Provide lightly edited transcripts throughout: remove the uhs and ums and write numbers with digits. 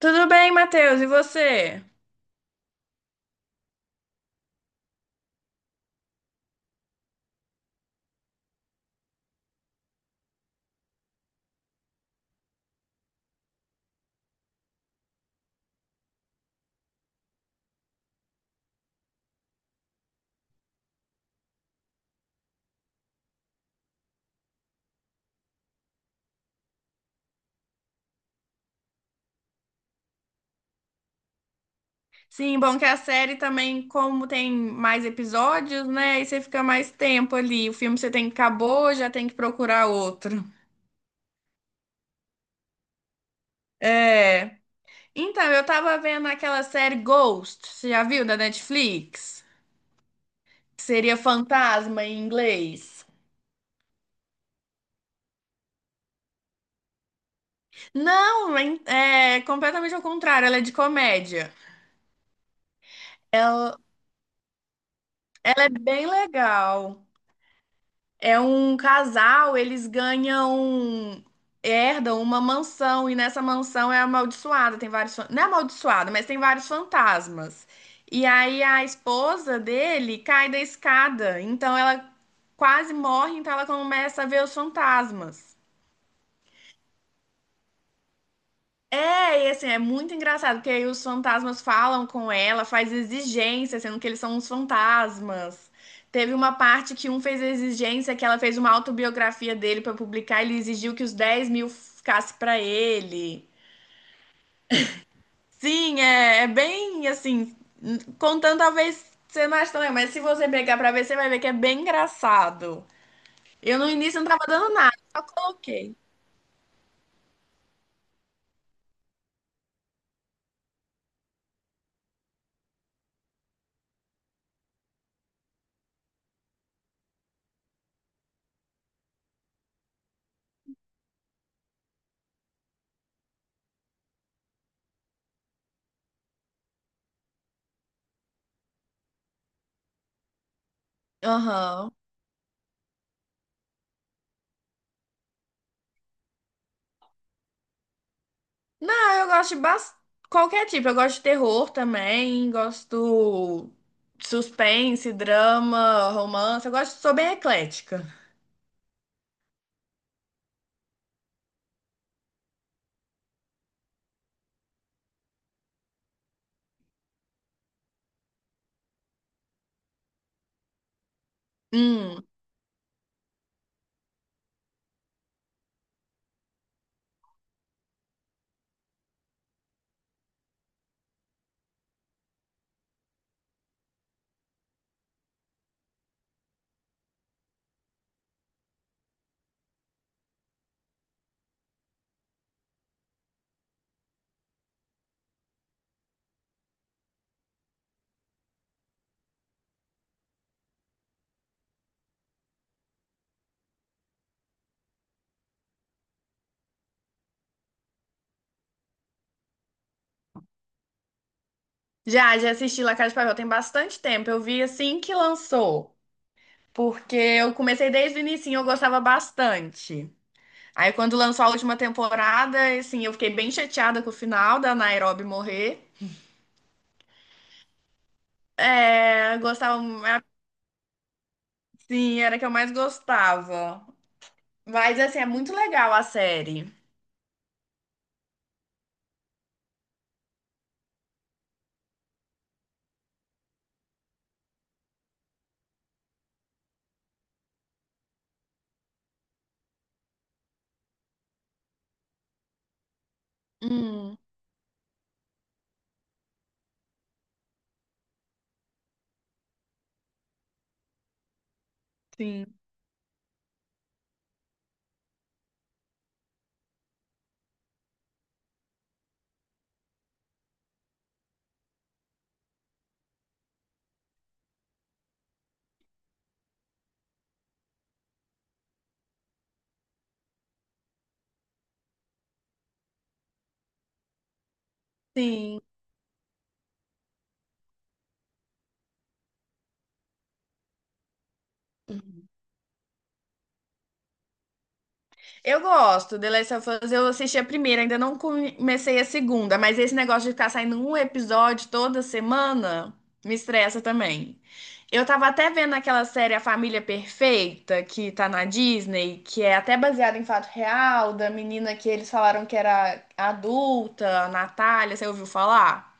Tudo bem, Matheus, e você? Sim, bom que a série também, como tem mais episódios, né? E você fica mais tempo ali. O filme você tem que acabou, já tem que procurar outro. É. Então, eu tava vendo aquela série Ghost, você já viu da Netflix? Que seria fantasma em inglês. Não, é completamente ao contrário, ela é de comédia. Ela, ela é bem legal. É um casal, eles ganham, herdam uma mansão e nessa mansão é amaldiçoada, tem vários, não é amaldiçoada, mas tem vários fantasmas. E aí a esposa dele cai da escada, então ela quase morre, então ela começa a ver os fantasmas. É, e assim, é muito engraçado, porque aí os fantasmas falam com ela, faz exigência, sendo que eles são uns fantasmas. Teve uma parte que um fez exigência, que ela fez uma autobiografia dele pra publicar, ele exigiu que os 10.000 ficasse pra ele. Sim, é, é bem assim, contando talvez você não ache também, mas se você pegar pra ver, você vai ver que é bem engraçado. Eu no início não tava dando nada, só coloquei. Aham. Não, eu gosto qualquer tipo. Eu gosto de terror também, gosto de suspense, drama, romance. Eu gosto, sou bem eclética. Hum, já, já assisti La Casa de Papel tem bastante tempo. Eu vi assim que lançou, porque eu comecei desde o inicinho, eu gostava bastante. Aí quando lançou a última temporada, assim, eu fiquei bem chateada com o final da Nairobi morrer. É, gostava, assim, era a que eu mais gostava. Mas assim, é muito legal a série. Hum, sim, sim. Uhum. Eu gosto. The Last of Us, eu assisti a primeira, ainda não comecei a segunda, mas esse negócio de ficar saindo um episódio toda semana me estressa também. Eu tava até vendo aquela série A Família Perfeita, que tá na Disney, que é até baseada em fato real, da menina que eles falaram que era adulta, a Natália, você ouviu falar?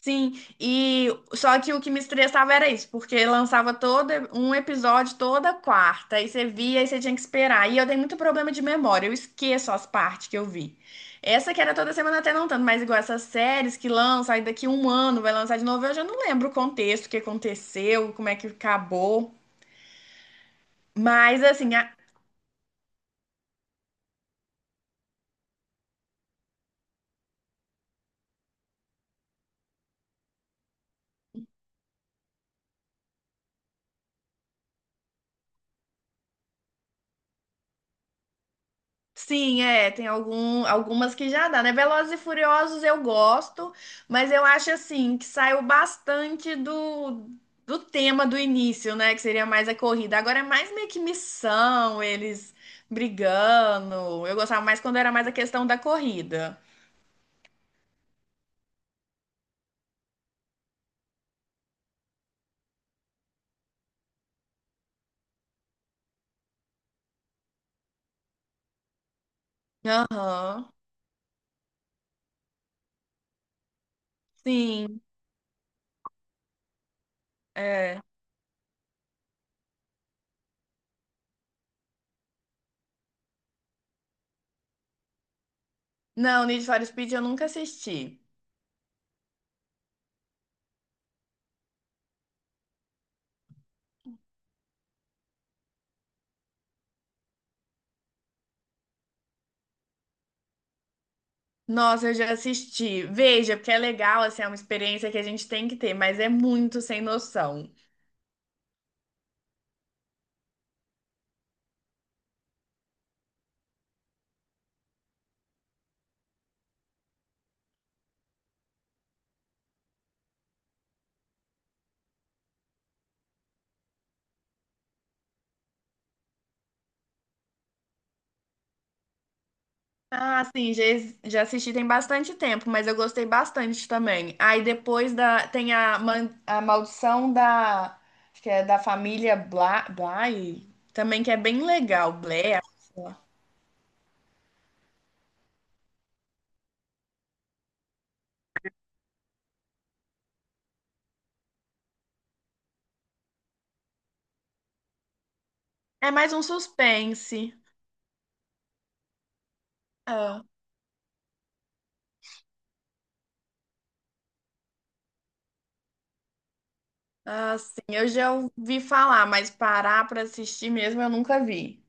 Sim, e só que o que me estressava era isso, porque lançava todo um episódio toda quarta, aí você via e você tinha que esperar. E eu tenho muito problema de memória, eu esqueço as partes que eu vi. Essa que era toda semana até não tanto, mas igual essas séries que lançam, aí daqui um ano vai lançar de novo, eu já não lembro o contexto, o que aconteceu, como é que acabou. Mas assim, sim, é, tem algum, algumas que já dá, né? Velozes e Furiosos eu gosto, mas eu acho assim que saiu bastante do, do tema do início, né? Que seria mais a corrida. Agora é mais meio que missão, eles brigando. Eu gostava mais quando era mais a questão da corrida. Aham, sim, é. Não, Need for Speed eu nunca assisti. Nossa, eu já assisti. Veja, porque é legal, assim, é uma experiência que a gente tem que ter, mas é muito sem noção. Ah, sim, já, já assisti tem bastante tempo, mas eu gostei bastante também. Aí depois da, tem a, a Maldição da, acho que é da família Bla, Bly, também que é bem legal, Blair. É mais um suspense. Ah, ah, sim, eu já ouvi falar, mas parar pra assistir mesmo eu nunca vi.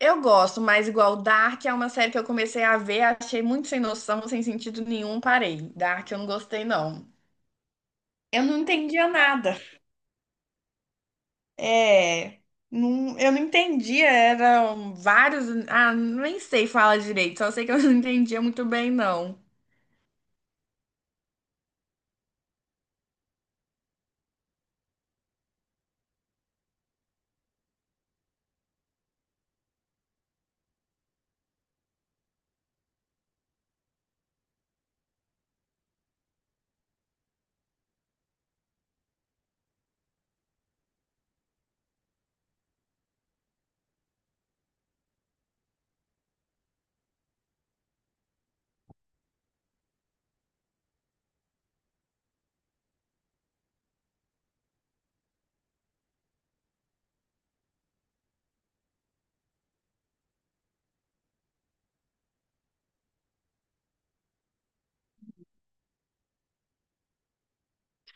Eu gosto, mas igual Dark é uma série que eu comecei a ver, achei muito sem noção, sem sentido nenhum, parei. Dark eu não gostei, não. Eu não entendia nada. É, não, eu não entendia, eram vários, ah, nem sei falar direito, só sei que eu não entendia muito bem, não.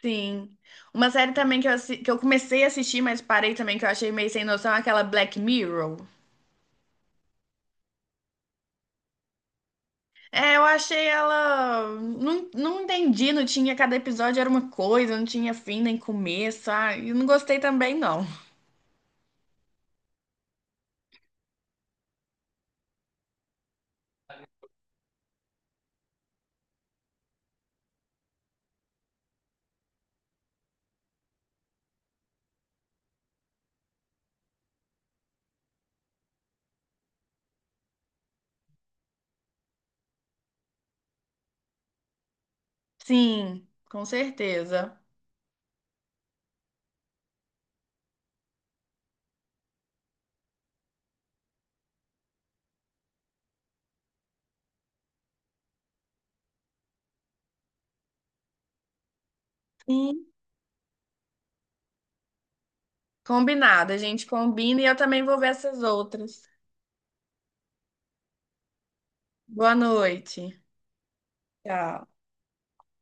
Sim. Uma série também que eu, que eu comecei a assistir, mas parei também, que eu achei meio sem noção, é aquela Black Mirror. É, eu achei ela. Não, não entendi, não tinha. Cada episódio era uma coisa, não tinha fim nem começo. Ah, e não gostei também, não. Sim, com certeza. Sim. Combinado, a gente combina e eu também vou ver essas outras. Boa noite. Tchau.